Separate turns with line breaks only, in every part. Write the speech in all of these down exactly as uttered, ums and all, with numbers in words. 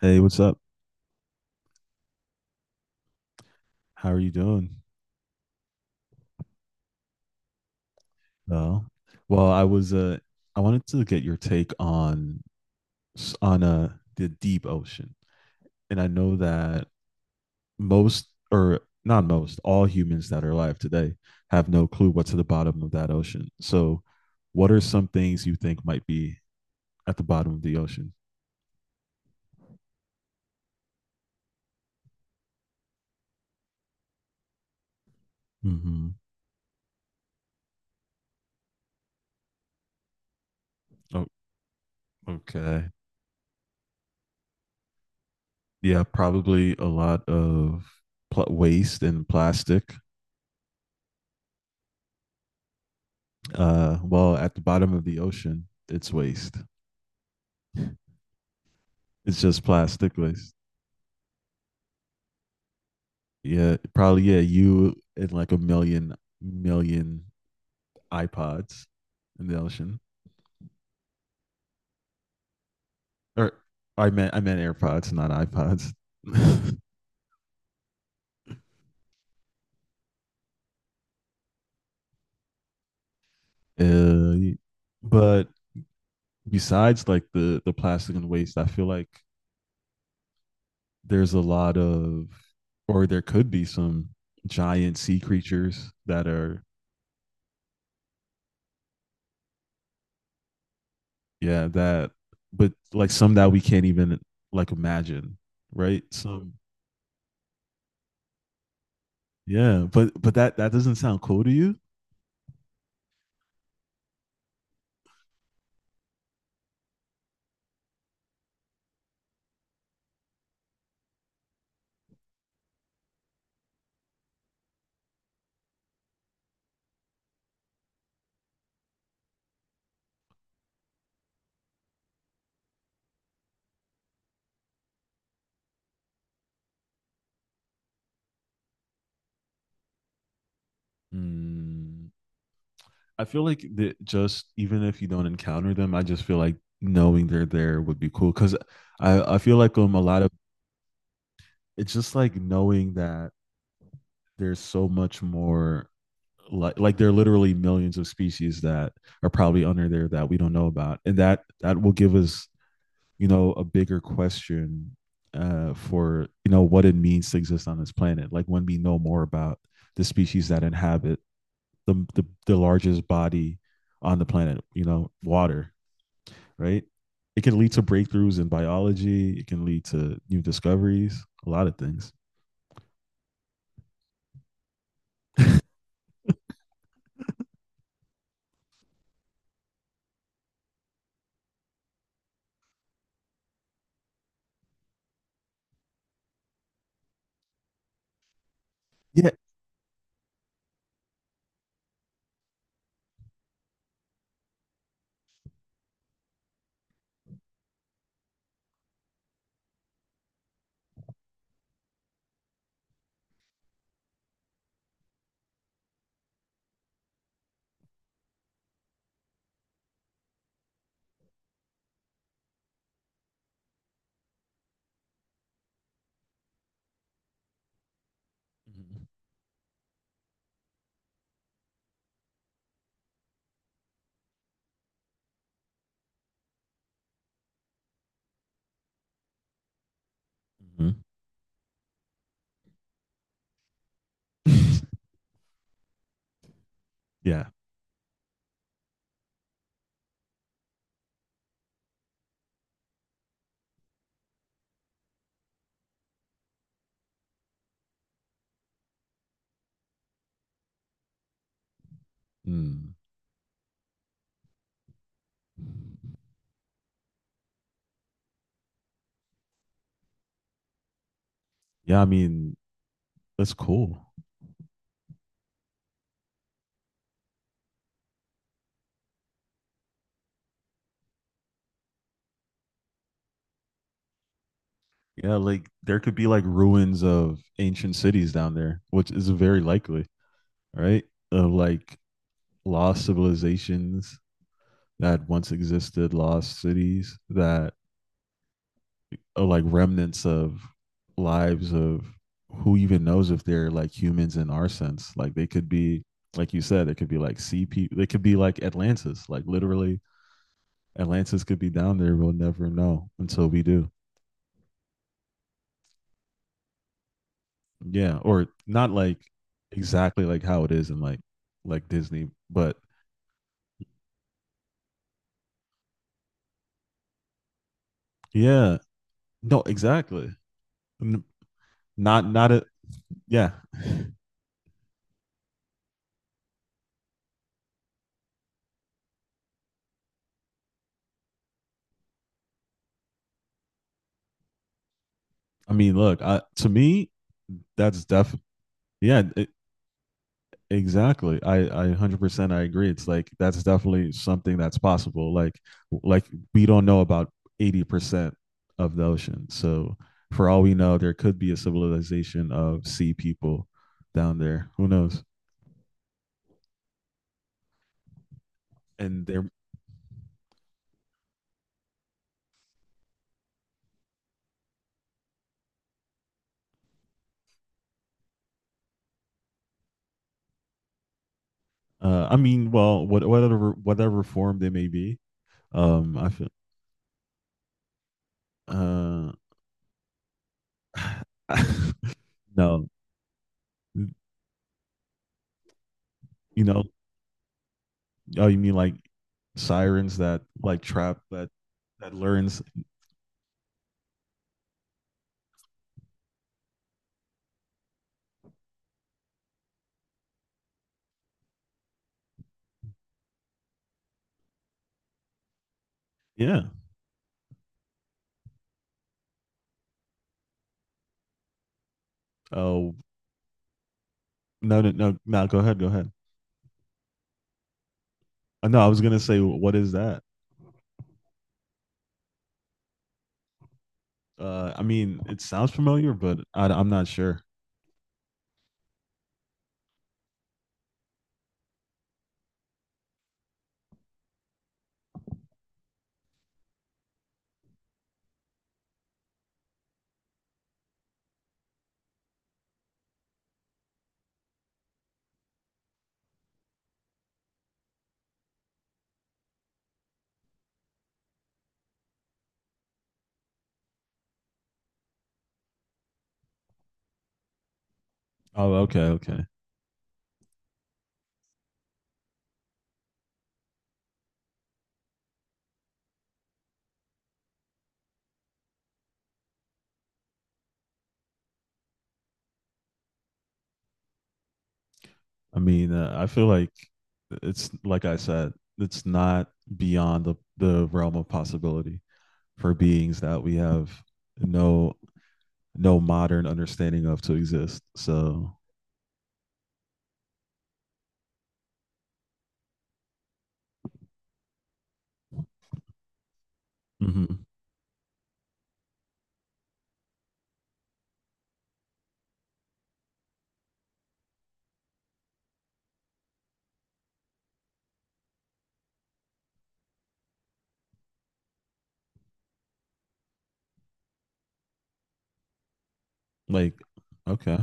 Hey, what's up? How are you doing? Oh, well, I was uh I wanted to get your take on s- on uh the deep ocean. And I know that most or not most, all humans that are alive today have no clue what's at the bottom of that ocean. So, what are some things you think might be at the bottom of the ocean? Hmm. Oh, okay. Yeah, probably a lot of pl waste and plastic. Uh, well, at the bottom of the ocean, it's waste. It's just plastic waste. Yeah, probably. Yeah, you and like a million million iPods in the ocean, or I meant I meant AirPods, not iPods. uh, but besides like the the plastic and waste, I feel like there's a lot of, or there could be some giant sea creatures that are yeah that, but like some that we can't even like imagine, right? Some. Yeah, but but that that doesn't sound cool to you? Mm, I feel like that just even if you don't encounter them, I just feel like knowing they're there would be cool. Cause I I feel like um a lot of it's just like knowing that there's so much more like like there are literally millions of species that are probably under there that we don't know about, and that that will give us you know a bigger question uh, for you know what it means to exist on this planet. Like when we know more about the species that inhabit the the, the largest body on the planet, you know, water, right? It can lead to breakthroughs in biology. It can lead to new discoveries. A lot of things. Yeah. Mhm. Yeah. Mm. Yeah. I mean, that's cool. Yeah, like there could be like ruins of ancient cities down there, which is very likely, right? Of like lost civilizations that once existed, lost cities that are like remnants of lives of who even knows if they're like humans in our sense. Like they could be, like you said, it could be like sea people. They could be like Atlantis. Like literally, Atlantis could be down there. We'll never know until we do. Yeah, or not like exactly like how it is in like like Disney, but yeah, no, exactly. Not not a, yeah. I mean, look, I, to me, that's def yeah, e- exactly. I I one hundred percent I agree. It's like that's definitely something that's possible. Like like we don't know about eighty percent of the ocean. So for all we know, there could be a civilization of sea people down there. Who knows? And they're uh I mean, well, what, whatever whatever form they may be, um I feel uh no, you know. Oh, you mean like sirens that like trap that that learns? Yeah. Oh, no no no no. Go ahead. Go ahead. Uh, no, I was gonna say what is that? Uh, I mean, it sounds familiar, but I, I'm not sure. Oh, okay, okay. I mean, uh, I feel like it's like I said, it's not beyond the the realm of possibility for beings that we have no no modern understanding of to exist. So, mhm. Like, okay,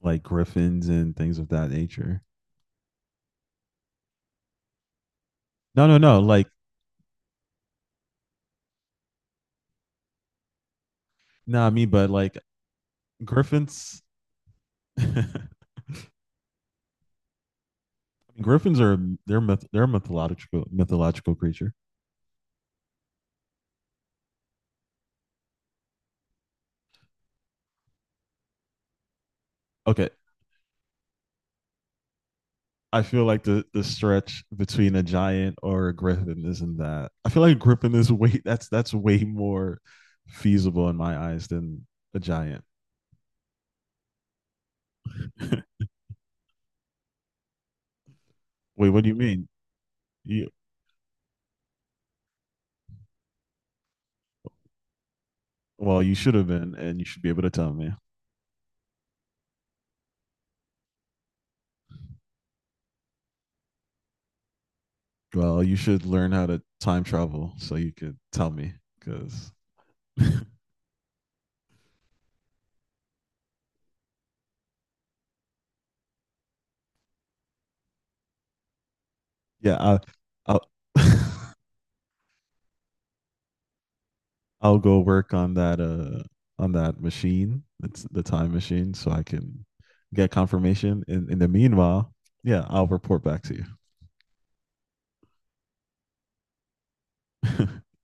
like griffins and things of that nature. No, no, no. Like, nah, I mean, but like griffins, griffins are they're myth, they're a mythological mythological creature. Okay, I feel like the the stretch between a giant or a griffin isn't that. I feel like a griffin is way that's that's way more feasible in my eyes than a giant. Wait, what do you mean? You well, you should have been, and you should be able to tell me. Well, you should learn how to time travel so you could tell me, because Yeah, I'll I'll, I'll go work on that uh on that machine. It's the time machine, so I can get confirmation. In in the meanwhile, yeah, I'll report back to you.